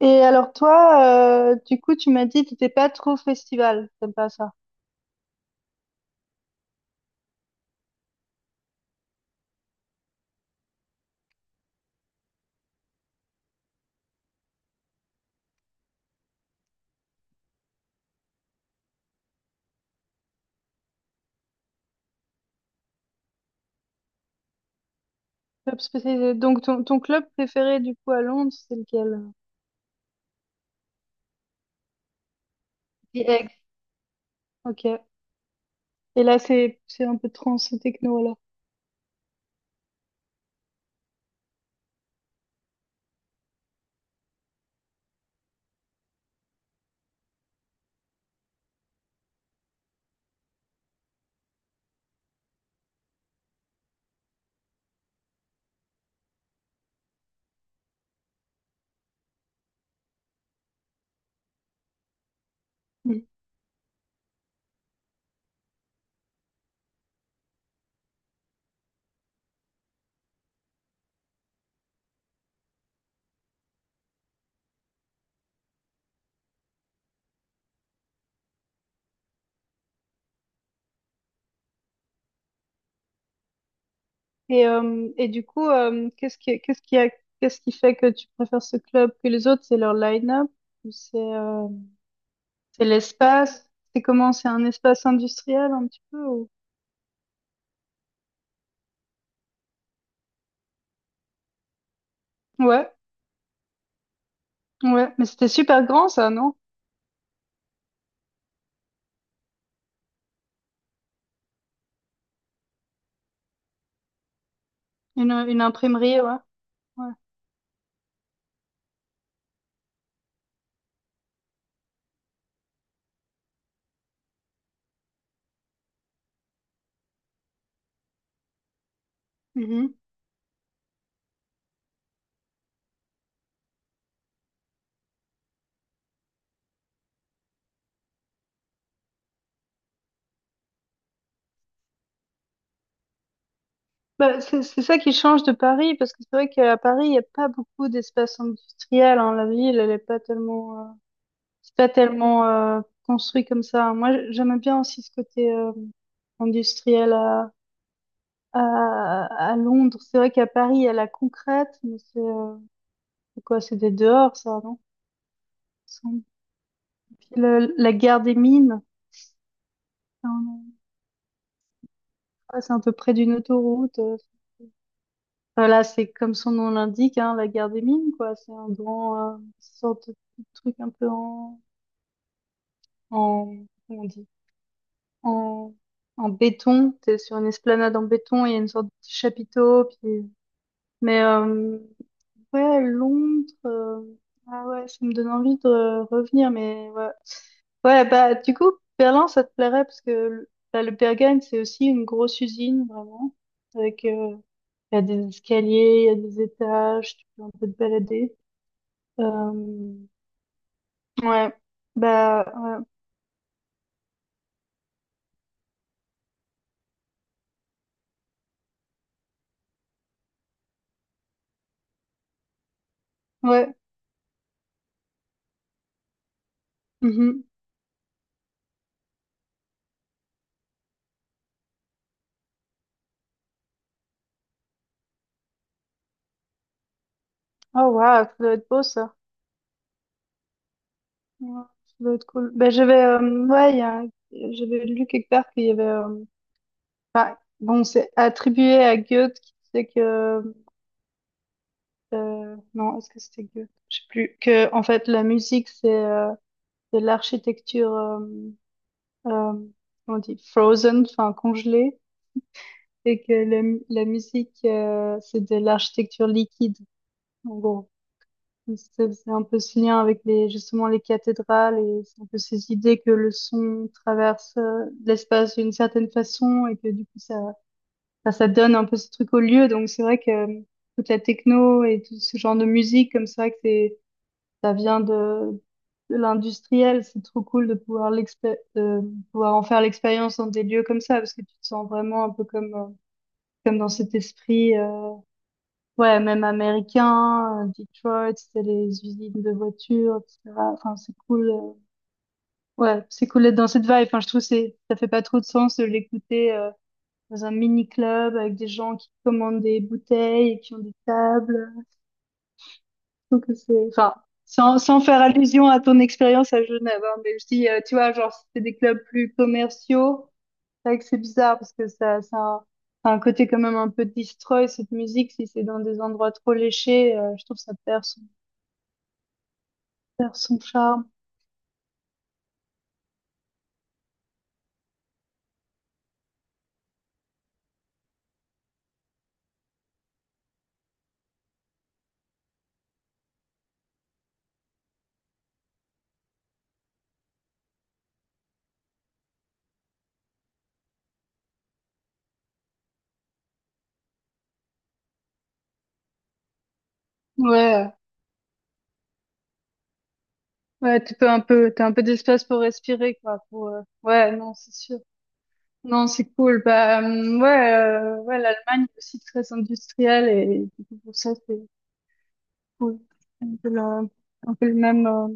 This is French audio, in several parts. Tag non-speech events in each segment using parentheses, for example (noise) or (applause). Et alors toi, du coup, tu m'as dit que t'étais pas trop festival, t'aimes pas ça. Club spécialisé. Donc ton club préféré du coup à Londres, c'est lequel? The Egg. Ok. Et là, c'est un peu trans et techno alors. Mhm. Et du coup, qu'est-ce qui fait que tu préfères ce club que les autres? C'est leur line-up ou c'est l'espace? C'est comment? C'est un espace industriel un petit peu Ouais, ouais. Mais c'était super grand ça, non? Une imprimerie, ouais. Ouais. Bah, c'est ça qui change de Paris, parce que c'est vrai qu'à Paris, il n'y a pas beaucoup d'espace industriel, hein. La ville, elle n'est pas tellement, c'est pas tellement construit comme ça. Moi, j'aime bien aussi ce côté industriel à Londres. C'est vrai qu'à Paris, il y a la concrète, mais c'est quoi? C'est des dehors, ça, non? Il me semble. Puis la gare des mines, quand on passe un peu près d'une autoroute. Enfin, là, c'est comme son nom l'indique, hein, la guerre des mines, quoi. C'est un grand, sorte de petit truc un peu en, comment on dit, en, béton. T'es sur une esplanade en béton, il y a une sorte de petit chapiteau, puis, mais, ouais, Londres, ah ouais, ça me donne envie de revenir, mais ouais. Ouais, bah, du coup, Berlin, ça te plairait, parce que bah, le Berghain, c'est aussi une grosse usine, vraiment, avec, il y a des escaliers, il y a des étages, tu peux un peu te balader. Euh, Ouais, bah ouais, ouais. Mhm. Oh waouh, ça doit être beau ça. Ouais, ça doit être cool. Bah j'avais, ouais, j'avais lu quelque part qu'il y avait, enfin, bon, c'est attribué à Goethe qui disait que, non, est-ce que c'était Goethe? Je sais plus. Que en fait la musique c'est de l'architecture, euh, comment on dit, frozen, enfin congelée, et que la musique c'est de l'architecture liquide. En gros. C'est un peu ce lien avec les, justement les cathédrales et c'est un peu ces idées que le son traverse l'espace d'une certaine façon et que du coup ça donne un peu ce truc au lieu. Donc c'est vrai que toute la techno et tout ce genre de musique, comme c'est vrai que c'est, ça vient de, l'industriel, c'est trop cool de pouvoir de pouvoir en faire l'expérience dans des lieux comme ça parce que tu te sens vraiment un peu comme, comme dans cet esprit. Ouais, même américain, Detroit, c'était les usines de voitures, etc. Enfin, c'est cool. Ouais, c'est cool d'être dans cette vibe. Enfin, je trouve que c'est, ça fait pas trop de sens de l'écouter dans un mini club avec des gens qui commandent des bouteilles et qui ont des tables. Je trouve que c'est, enfin, sans faire allusion à ton expérience à Genève, hein, mais je dis, tu vois, genre, c'était des clubs plus commerciaux. C'est vrai que c'est bizarre parce que ça, a un côté quand même un peu destroy cette musique si c'est dans des endroits trop léchés. Je trouve que ça perd son charme. Ouais, ouais, tu peux un peu, t'as un peu d'espace pour respirer, quoi. Ouais, non, c'est sûr. Non, c'est cool. Bah, ouais, ouais, l'Allemagne est aussi très industrielle et du coup, pour ça, c'est cool. Un peu le même,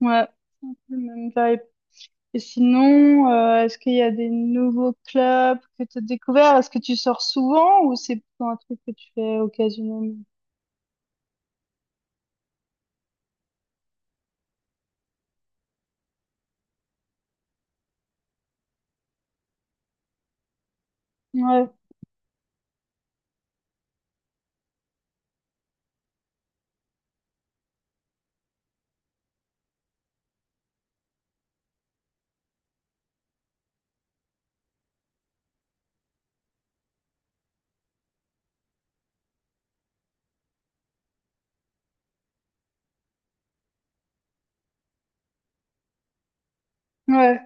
ouais, un peu le même vibe. Et sinon, est-ce qu'il y a des nouveaux clubs que tu as découverts? Est-ce que tu sors souvent ou c'est plutôt un truc que tu fais occasionnellement? Ouais, ouais,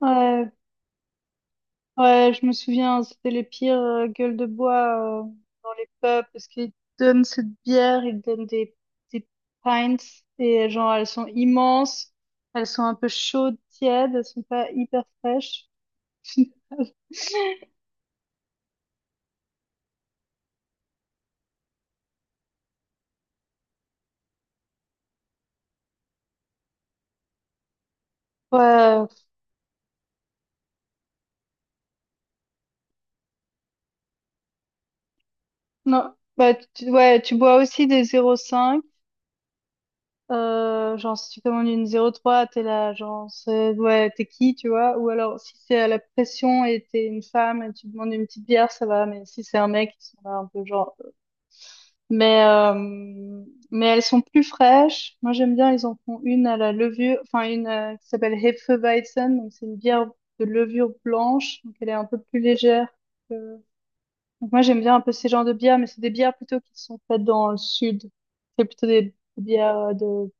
ouais, ouais, je me souviens, c'était les pires gueules de bois dans les pubs parce qu'ils donnent cette bière, ils donnent des pints et genre elles sont immenses, elles sont un peu chaudes, tièdes, elles sont pas hyper fraîches. (laughs) Ouais, non, bah tu, ouais, tu bois aussi des 0,5, genre si tu commandes une 0,3 t'es là, genre ouais, t'es qui, tu vois? Ou alors si c'est à la pression et t'es une femme et tu demandes une petite bière, ça va, mais si c'est un mec, ils sont là un peu genre. Mais, euh, mais elles sont plus fraîches. Moi, j'aime bien, ils en font une à la levure, enfin une qui s'appelle Hefeweizen. Donc, c'est une bière de levure blanche. Donc, elle est un peu plus légère. que- Donc, moi, j'aime bien un peu ces genres de bières, mais c'est des bières plutôt qui sont faites dans le sud. C'est plutôt des bières de,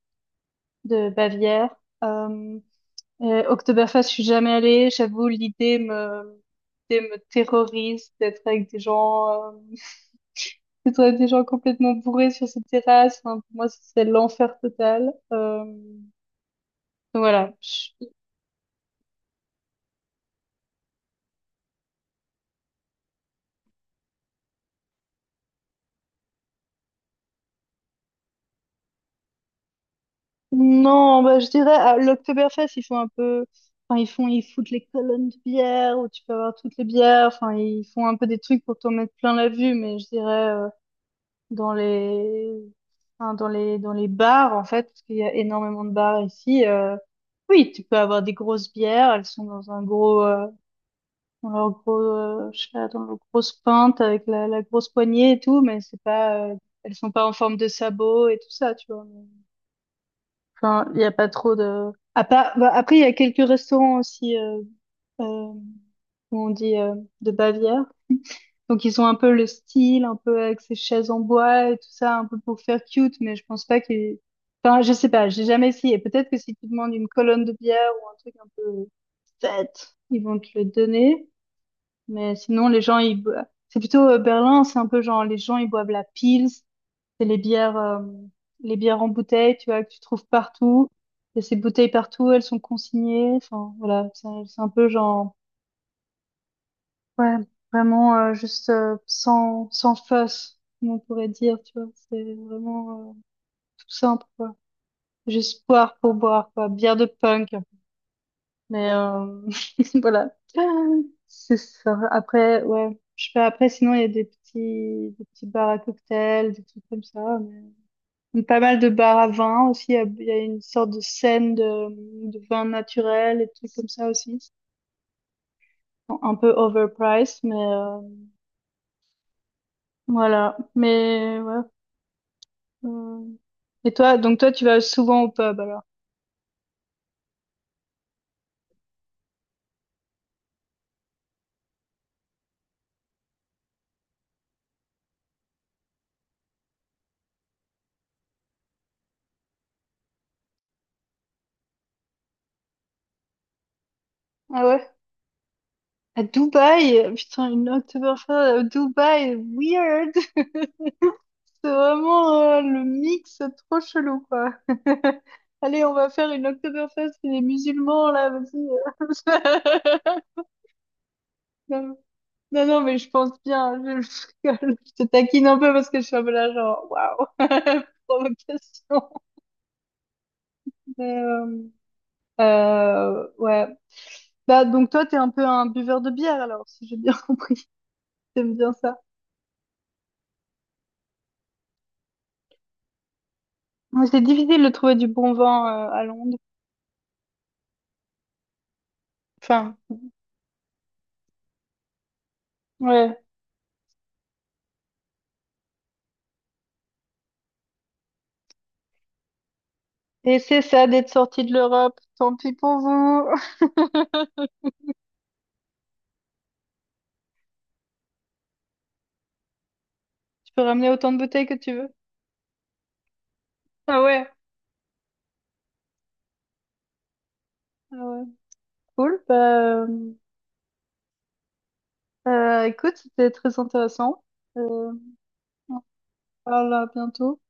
Bavière. Euh, et Oktoberfest, je suis jamais allée. J'avoue, l'idée me terrorise d'être avec des gens. euh, plutôt à des gens complètement bourrés sur cette terrasse. Enfin, pour moi, c'est l'enfer total. Voilà. Non, bah, je dirais, à l'Oktoberfest, ils font un peu, enfin, ils font, ils foutent les colonnes de bière où tu peux avoir toutes les bières. Enfin, ils font un peu des trucs pour t'en mettre plein la vue, mais je dirais, dans les, enfin, dans les bars, en fait, parce qu'il y a énormément de bars ici, oui, tu peux avoir des grosses bières, elles sont dans un gros, dans leur gros, je sais pas, dans leur grosse pinte avec la grosse poignée et tout, mais c'est pas, elles sont pas en forme de sabots et tout ça, tu vois. Enfin, il y a pas trop de. Bah, après, il y a quelques restaurants aussi, euh, où on dit de Bavière. Donc ils ont un peu le style, un peu avec ces chaises en bois et tout ça, un peu pour faire cute, mais je pense pas que. Enfin, je sais pas, j'ai jamais essayé. Peut-être que si tu demandes une colonne de bière ou un truc un peu fête, ils vont te le donner. Mais sinon, les gens, ils... c'est plutôt Berlin, c'est un peu genre les gens, ils boivent la Pils, c'est les bières, euh, les bières en bouteille, tu vois, que tu trouves partout. Il y a ces bouteilles partout, elles sont consignées. Enfin, voilà, c'est un peu genre, ouais, vraiment juste sans fuss, comme on pourrait dire, tu vois. C'est vraiment tout simple, quoi. Juste boire pour boire, quoi. Bière de punk. Mais (laughs) voilà. C'est ça. Après, ouais. Je fais après, sinon, il y a des petits bars à cocktails, des trucs comme ça. Pas mal de bars à vin aussi. Il y a une sorte de scène de, vin naturel et trucs comme ça aussi. Bon, un peu overpriced, mais voilà. Mais ouais. euh. Et toi, donc toi, tu vas souvent au pub alors? Ah ouais? À Dubaï? Putain, une Oktoberfest à Dubaï, weird! (laughs) C'est vraiment le mix trop chelou, quoi. (laughs) Allez, on va faire une Oktoberfest et les musulmans, là, vas-y. (laughs) Non, non, non, mais je pense bien. Je rigole. Je te taquine un peu parce que je suis un peu là, genre, waouh, (laughs) provocation. Mais, ouais. Bah, donc, toi, t'es un peu un buveur de bière, alors, si j'ai bien (laughs) compris. T'aimes bien ça. Ouais, c'est difficile de trouver du bon vin à Londres. Enfin, ouais. Et c'est ça d'être sorti de l'Europe. Tant pis pour vous. (laughs) Tu peux ramener autant de bouteilles que tu veux. Ah ouais. Ah ouais. Cool. Bah, euh, écoute, c'était très intéressant. Euh, on se parle à bientôt.